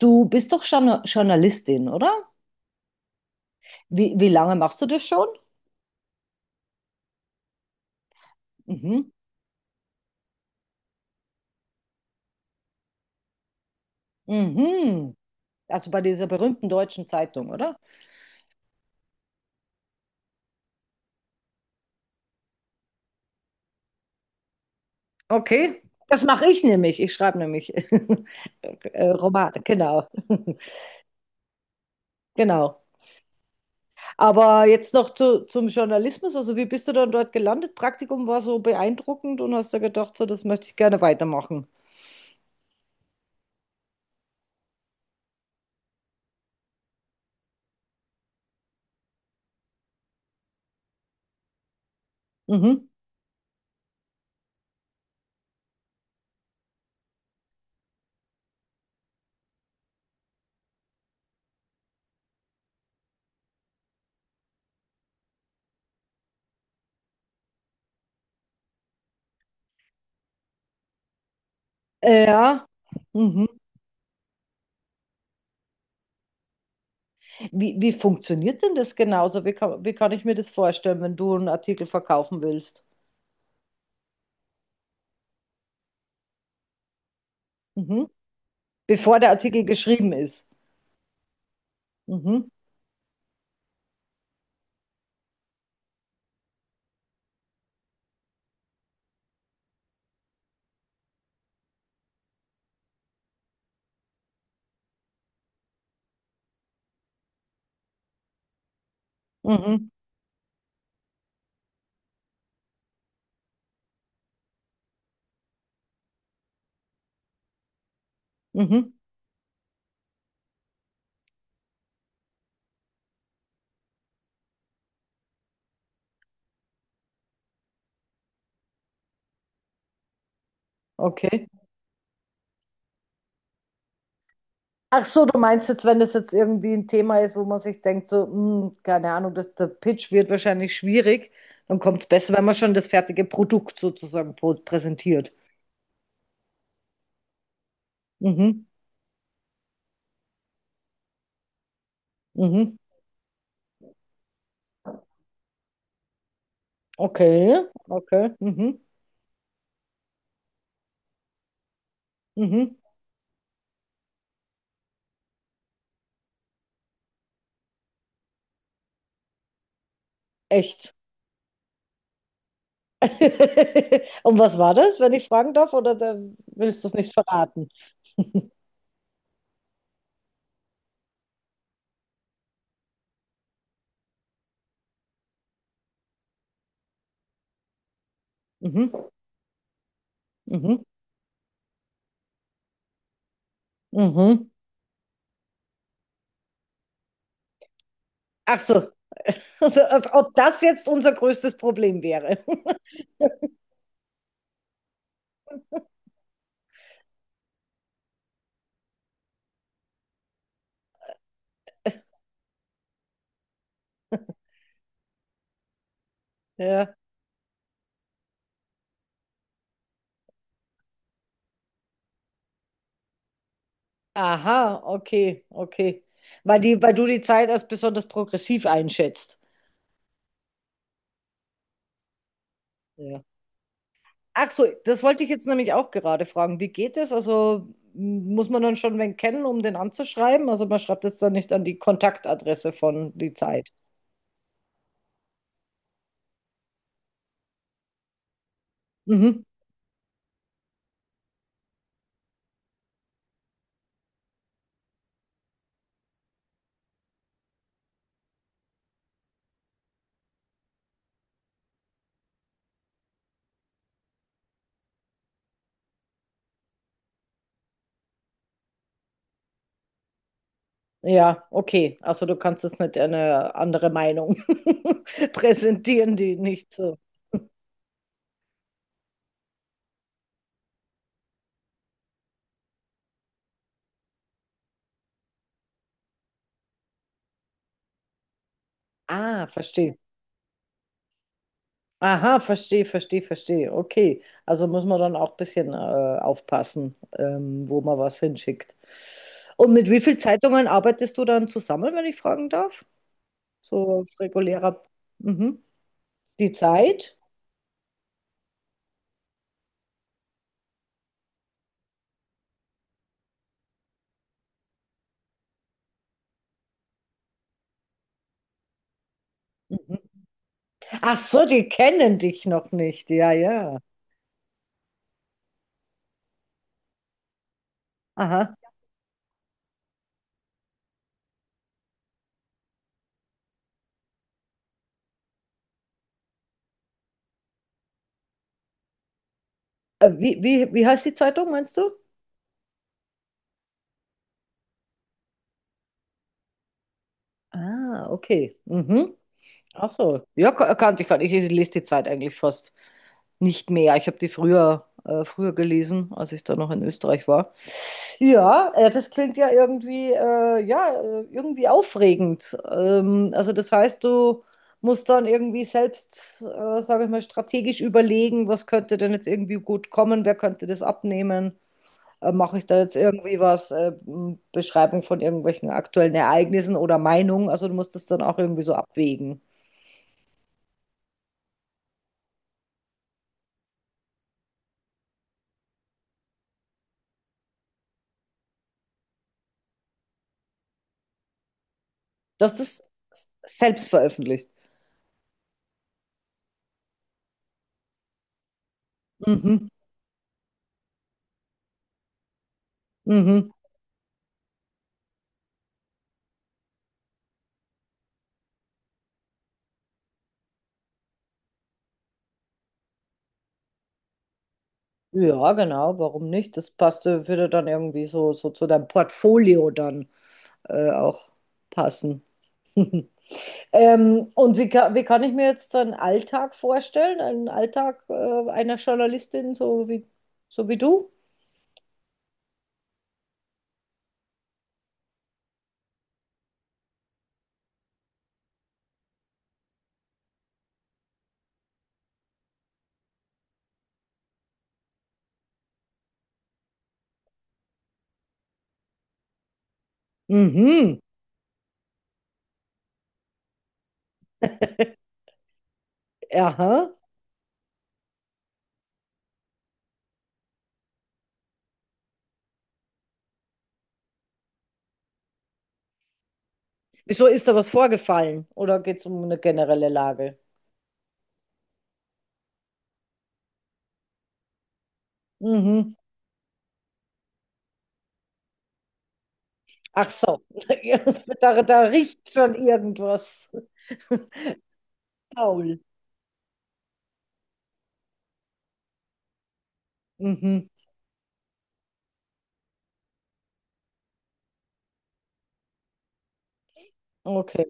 Du bist doch Journalistin, oder? Wie lange machst du das schon? Mhm. Mhm. Also bei dieser berühmten deutschen Zeitung, oder? Okay. Das mache ich nämlich. Ich schreibe nämlich Romane, genau. Genau. Aber jetzt noch zum Journalismus. Also wie bist du dann dort gelandet? Praktikum war so beeindruckend und hast da gedacht, so, das möchte ich gerne weitermachen. Mhm. Ja. Mhm. Wie funktioniert denn das genauso? Wie kann ich mir das vorstellen, wenn du einen Artikel verkaufen willst? Mhm. Bevor der Artikel geschrieben ist. Mhm. Mhm. Mhm. Okay. Ach so, du meinst jetzt, wenn das jetzt irgendwie ein Thema ist, wo man sich denkt, so, hm, keine Ahnung, der Pitch wird wahrscheinlich schwierig, dann kommt es besser, wenn man schon das fertige Produkt sozusagen präsentiert. Mhm. Mhm. Okay. Okay. Mhm. Mhm. Echt. Und was war das, wenn ich fragen darf, oder da willst du es nicht verraten? Mhm. Mhm. Mhm. Ach so. Also, als ob das jetzt unser größtes Problem wäre. Ja. Aha, okay, okay. Weil weil du die Zeit als besonders progressiv einschätzt. Ja. Ach so, das wollte ich jetzt nämlich auch gerade fragen. Wie geht das? Also muss man dann schon wen kennen, um den anzuschreiben? Also man schreibt jetzt dann nicht an die Kontaktadresse von die Zeit. Mhm. Ja, okay. Also du kannst jetzt nicht eine andere Meinung präsentieren, die nicht so. Ah, verstehe. Aha, verstehe, verstehe, verstehe. Okay. Also muss man dann auch ein bisschen aufpassen, wo man was hinschickt. Und mit wie vielen Zeitungen arbeitest du dann zusammen, wenn ich fragen darf? So auf regulärer. Mhm. Die Zeit? Mhm. Ach so, die kennen dich noch nicht. Ja, ja. Aha. Wie heißt die Zeitung, meinst du? Ah, okay. Mhm. Ach so. Ja, kannte ich gar nicht. Ich lese die Zeit eigentlich fast nicht mehr. Ich habe die früher gelesen, als ich da noch in Österreich war. Ja, das klingt ja, irgendwie aufregend. Also das heißt, du musst dann irgendwie selbst, sage ich mal, strategisch überlegen, was könnte denn jetzt irgendwie gut kommen, wer könnte das abnehmen. Mache ich da jetzt irgendwie was, Beschreibung von irgendwelchen aktuellen Ereignissen oder Meinungen? Also du musst das dann auch irgendwie so abwägen. dass das selbst veröffentlicht. Mhm. Mhm. Ja, genau, warum nicht? Das passte, würde dann irgendwie so zu deinem Portfolio dann auch passen. Und wie kann ich mir jetzt so einen Alltag vorstellen? Einen Alltag einer Journalistin, so wie du? Mhm, aha. Wieso ist da was vorgefallen? Oder geht es um eine generelle Lage? Mhm. Ach so, da riecht schon irgendwas faul. Mhm. Okay,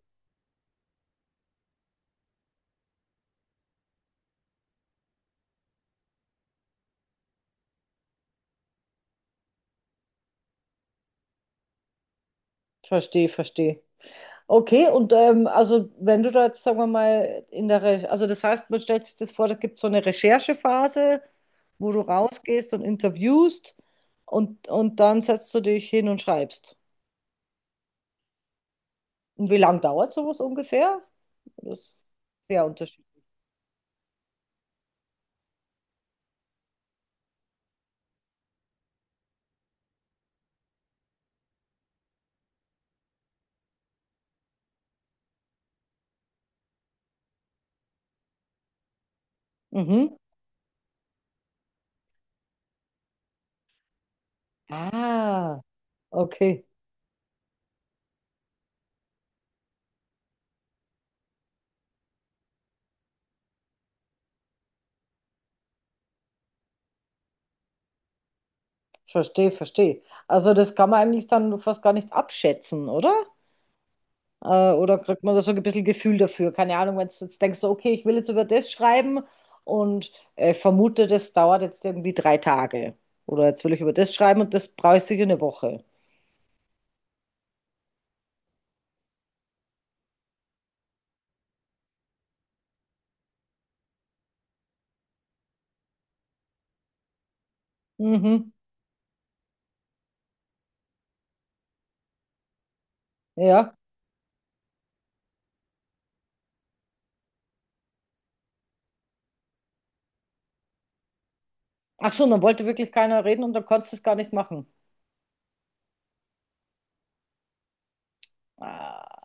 verstehe, verstehe. Okay, und also wenn du da jetzt, sagen wir mal, in der, Re also das heißt, man stellt sich das vor, da gibt es so eine Recherchephase, wo du rausgehst und interviewst und dann setzt du dich hin und schreibst. Und wie lange dauert sowas ungefähr? Das ist sehr unterschiedlich. Mhm. Ah, okay, verstehe, verstehe. Also das kann man eigentlich dann fast gar nicht abschätzen, oder? Oder kriegt man da so ein bisschen Gefühl dafür? Keine Ahnung, wenn du jetzt denkst, so, okay, ich will jetzt über das schreiben und vermute, das dauert jetzt irgendwie 3 Tage. Oder jetzt will ich über das schreiben und das brauche ich sicher eine Woche. Mhm, ja. Ach so, und dann wollte wirklich keiner reden und dann konntest du es gar nicht machen. Ah.